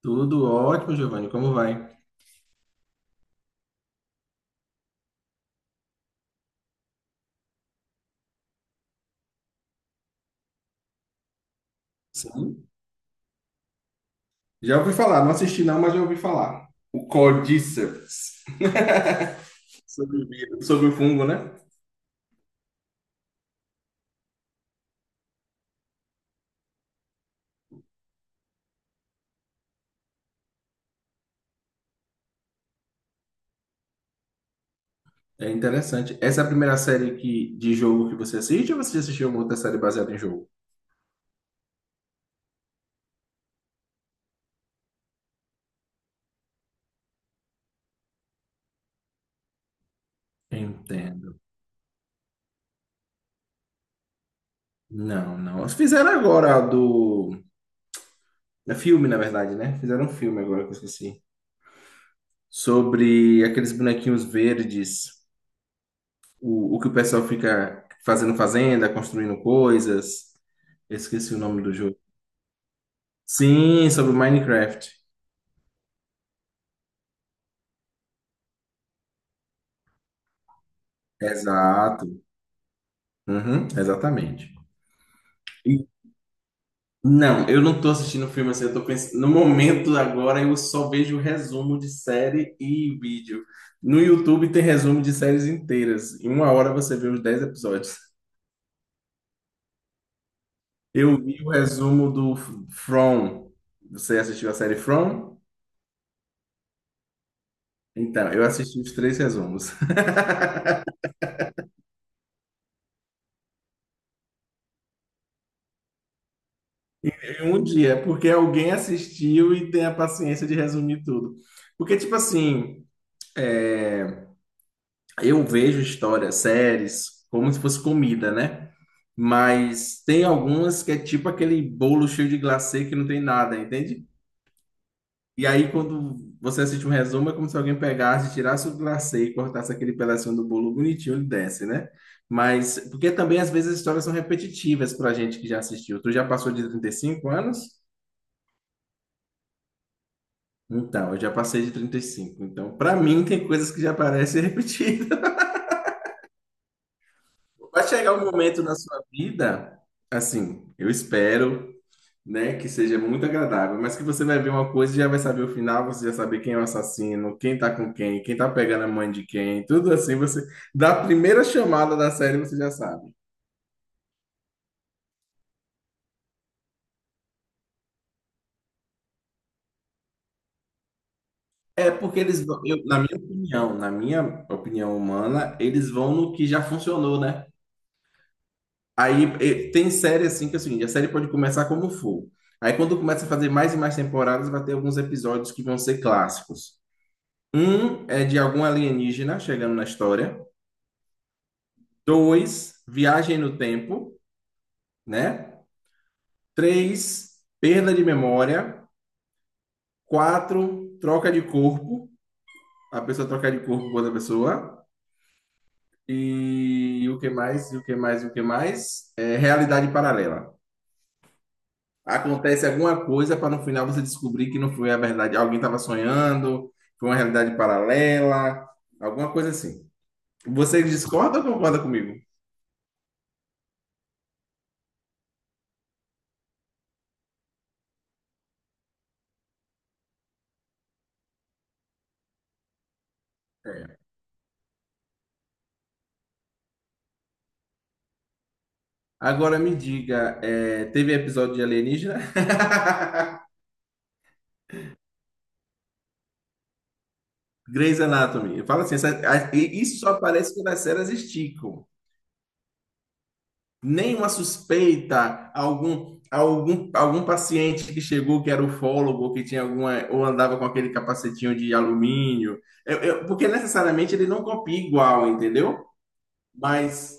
Tudo ótimo, Giovanni. Como vai? Sim. Já ouvi falar, não assisti não, mas já ouvi falar. O Cordyceps. Sobre o vírus, sobre o fungo, né? É interessante. Essa é a primeira série de jogo que você assiste, ou você já assistiu alguma outra série baseada em jogo? Entendo. Não, não. Fizeram agora a do. É filme, na verdade, né? Fizeram um filme agora que eu esqueci. Sobre aqueles bonequinhos verdes, o que o pessoal fica fazendo, fazenda, construindo coisas. Eu esqueci o nome do jogo. Sim, sobre o Minecraft. Exato. Uhum, exatamente. E- não, eu não tô assistindo filme, assim, eu tô pensando. No momento agora eu só vejo resumo de série e vídeo. No YouTube tem resumo de séries inteiras. Em uma hora você vê os 10 episódios. Eu vi o resumo do From. Você assistiu a série From? Então, eu assisti os 3 resumos. Em um dia, porque alguém assistiu e tem a paciência de resumir tudo. Porque, tipo assim. é, eu vejo histórias, séries, como se fosse comida, né? Mas tem algumas que é tipo aquele bolo cheio de glacê que não tem nada, entende? E aí, quando você assiste um resumo, é como se alguém pegasse, tirasse o glacê e cortasse aquele pedacinho do bolo bonitinho e desse, né? Mas, porque também às vezes as histórias são repetitivas pra gente que já assistiu. Tu já passou de 35 anos? Então, eu já passei de 35. Então, pra mim, tem coisas que já parecem repetidas. Vai chegar um momento na sua vida, assim, eu espero, né, que seja muito agradável, mas que você vai ver uma coisa e já vai saber o final, você já saber quem é o assassino, quem tá com quem, quem tá pegando a mãe de quem, tudo assim, você, da primeira chamada da série você já sabe. É porque eles vão, na minha opinião humana, eles vão no que já funcionou, né? Tem série assim que, assim, a série pode começar como for. Aí quando começa a fazer mais e mais temporadas, vai ter alguns episódios que vão ser clássicos. Um é de algum alienígena chegando na história. Dois, viagem no tempo, né? Três, perda de memória. Quatro, troca de corpo. A pessoa trocar de corpo com outra pessoa. E o que mais? E o que mais? E o que mais? É realidade paralela. Acontece alguma coisa para no final você descobrir que não foi a verdade. Alguém estava sonhando, foi uma realidade paralela, alguma coisa assim. Você discorda ou concorda comigo? Agora me diga, é, teve episódio de alienígena? Grey's Anatomy. Fala assim, isso só aparece quando as séries esticam. Nenhuma suspeita, algum paciente que chegou que era ufólogo, que tinha alguma, ou andava com aquele capacetinho de alumínio. Porque necessariamente ele não copia igual, entendeu? Mas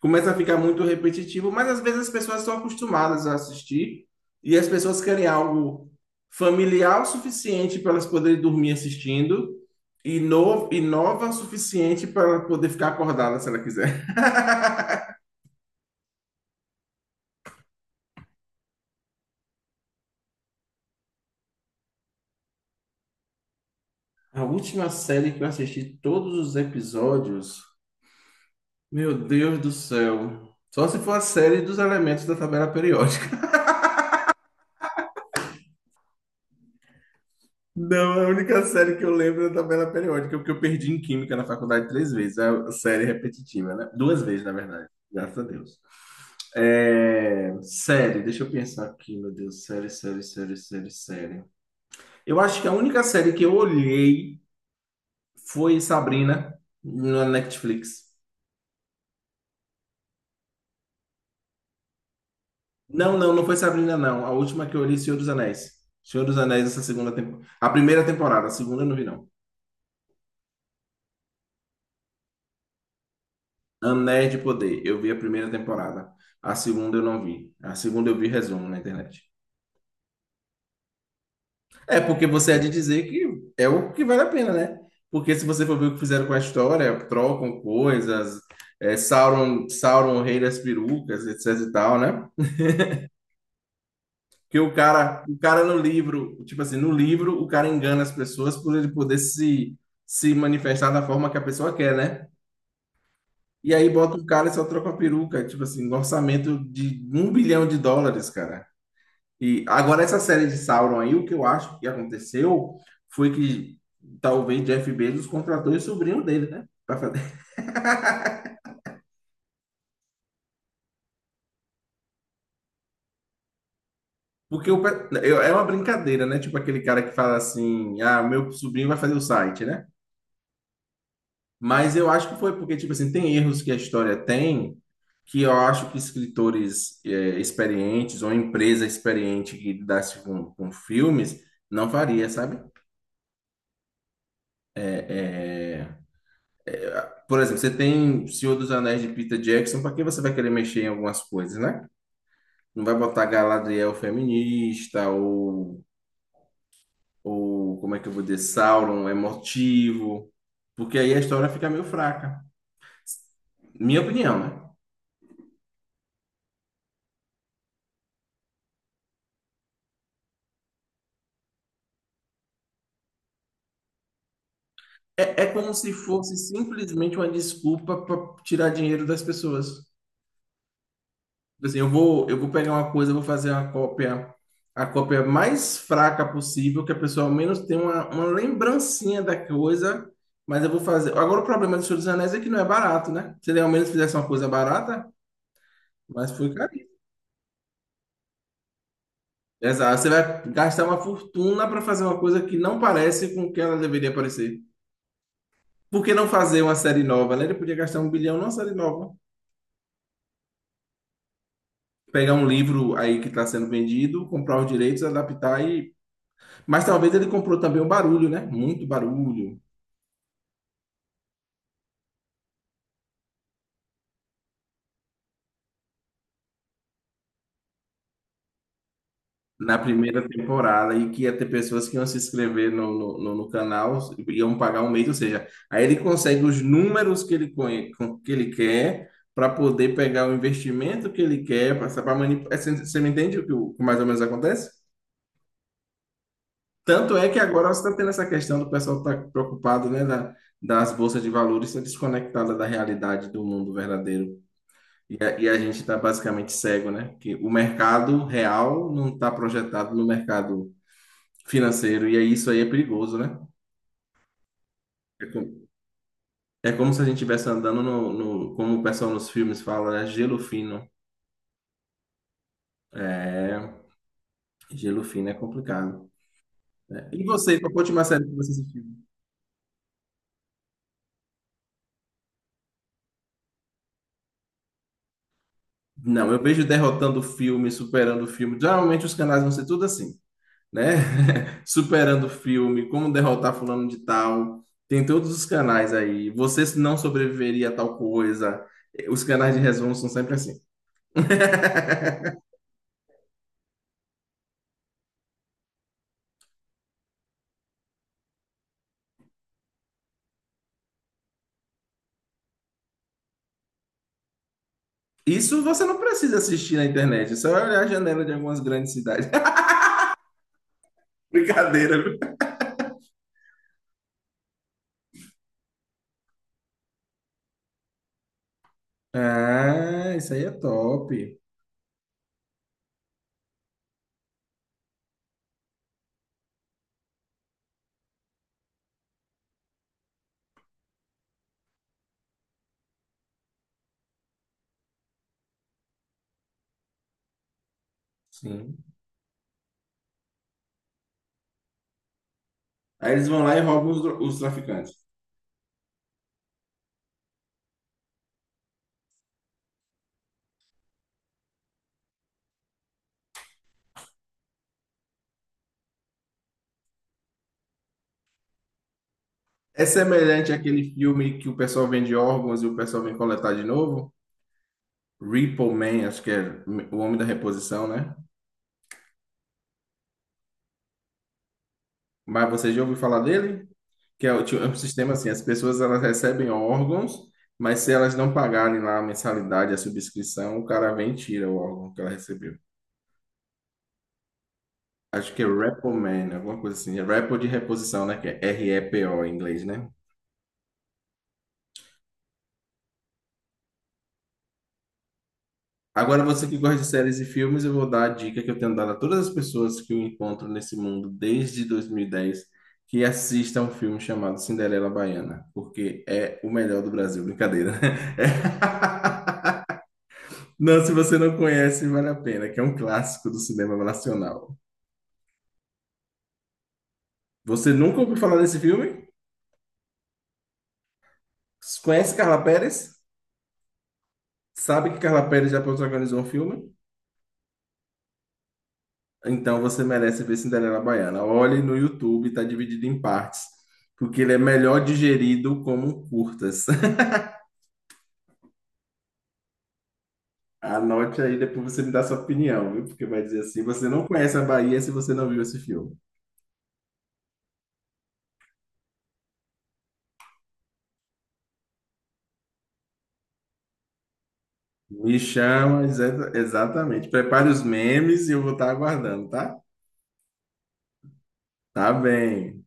começa a ficar muito repetitivo, mas às vezes as pessoas estão acostumadas a assistir e as pessoas querem algo familiar o suficiente para elas poderem dormir assistindo e, no, e nova o suficiente para ela poder ficar acordada se ela quiser. A última série que eu assisti todos os episódios, meu Deus do céu. Só se for a série dos elementos da tabela periódica. Não, a única série que eu lembro é da tabela periódica, porque eu perdi em química na faculdade 3 vezes. É a série repetitiva, né? Duas vezes, na verdade, graças a Deus. Deixa eu pensar aqui, meu Deus, série. Eu acho que a única série que eu olhei foi Sabrina, na Netflix. Não, não, foi Sabrina, não. A última que eu olhei, Senhor dos Anéis. Senhor dos Anéis, essa segunda temporada. A primeira temporada, a segunda eu não vi, não. Anéis de Poder. Eu vi a primeira temporada. A segunda eu não vi. A segunda eu vi resumo na internet. É porque você é de dizer que é o que vale a pena, né? Porque se você for ver o que fizeram com a história, trocam coisas, é, Sauron, o rei das perucas, etc e tal, né? Que o cara no livro, tipo assim, no livro o cara engana as pessoas por ele poder se, se manifestar da forma que a pessoa quer, né? E aí bota o cara e só troca a peruca, tipo assim, um orçamento de 1 bilhão de dólares, cara. E agora essa série de Sauron aí, o que eu acho que aconteceu foi que talvez Jeff Bezos contratou o sobrinho dele, né? Pra fazer. Porque é uma brincadeira, né? Tipo aquele cara que fala assim, ah, meu sobrinho vai fazer o site, né? Mas eu acho que foi porque, tipo assim, tem erros que a história tem que eu acho que escritores experientes, ou empresa experiente que lidasse com filmes, não faria, sabe? É, é, Por exemplo, você tem Senhor dos Anéis de Peter Jackson, para que você vai querer mexer em algumas coisas, né? Não vai botar Galadriel feminista, ou como é que eu vou dizer, Sauron emotivo, porque aí a história fica meio fraca. Minha opinião, né? É é como se fosse simplesmente uma desculpa para tirar dinheiro das pessoas. Tipo assim, eu vou pegar uma coisa, eu vou fazer uma cópia, a cópia mais fraca possível, que a pessoa ao menos tenha uma lembrancinha da coisa, mas eu vou fazer. Agora, o problema do Senhor dos Anéis é que não é barato, né? Se ele ao menos fizesse uma coisa barata, mas foi caríssimo. Exato, você vai gastar uma fortuna para fazer uma coisa que não parece com o que ela deveria parecer. Por que não fazer uma série nova, né? Ele podia gastar 1 bilhão numa série nova. Pegar um livro aí que está sendo vendido, comprar os direitos, adaptar e mas talvez ele comprou também o barulho, né? Muito barulho na primeira temporada, e que ia ter pessoas que iam se inscrever no canal, iam pagar 1 mês, ou seja, aí ele consegue os números que ele, que ele quer, para poder pegar o investimento que ele quer, para manipular. Você me entende mais ou menos acontece? Tanto é que agora você está tendo essa questão do pessoal estar preocupado, né, das bolsas de valores ser desconectada da realidade do mundo verdadeiro. E a gente está basicamente cego, né? Que o mercado real não está projetado no mercado financeiro, e aí isso aí é perigoso, né? É, co- É como se a gente estivesse andando no, como o pessoal nos filmes fala, né? Gelo fino. É, gelo fino é complicado. Né? E você, qual foi a última série que você assistiu? Não, eu vejo derrotando o filme, superando o filme. Geralmente os canais vão ser tudo assim, né? Superando o filme, como derrotar fulano de tal. Tem todos os canais aí. Você não sobreviveria a tal coisa. Os canais de resumo são sempre assim. Isso você não precisa assistir na internet. É só olhar a janela de algumas grandes cidades. Brincadeira, viu? Ah, isso aí é top. Sim. Aí eles vão lá e roubam os, os traficantes. É semelhante àquele filme que o pessoal vende órgãos e o pessoal vem coletar de novo? Repo Man, acho que é o homem da reposição, né? Mas você já ouviu falar dele? Que é é um sistema assim, as pessoas, elas recebem órgãos, mas se elas não pagarem lá a mensalidade, a subscrição, o cara vem e tira o órgão que ela recebeu. Acho que é Repoman, alguma coisa assim. É Repo de reposição, né? Que é R-E-P-O em inglês, né? Agora, você que gosta de séries e filmes, eu vou dar a dica que eu tenho dado a todas as pessoas que eu encontro nesse mundo desde 2010, que assista um filme chamado Cinderela Baiana, porque é o melhor do Brasil. Brincadeira, né? Não, se você não conhece, vale a pena, que é um clássico do cinema nacional. Você nunca ouviu falar desse filme? Conhece Carla Perez? Sabe que Carla Perez já protagonizou um filme? Então você merece ver Cinderela Baiana. Olhe no YouTube, está dividido em partes, porque ele é melhor digerido como um curtas. Anote aí, depois você me dá sua opinião, viu? Porque vai dizer assim: você não conhece a Bahia se você não viu esse filme. Me chama, exatamente. Prepare os memes e eu vou estar aguardando, tá? Tá bem.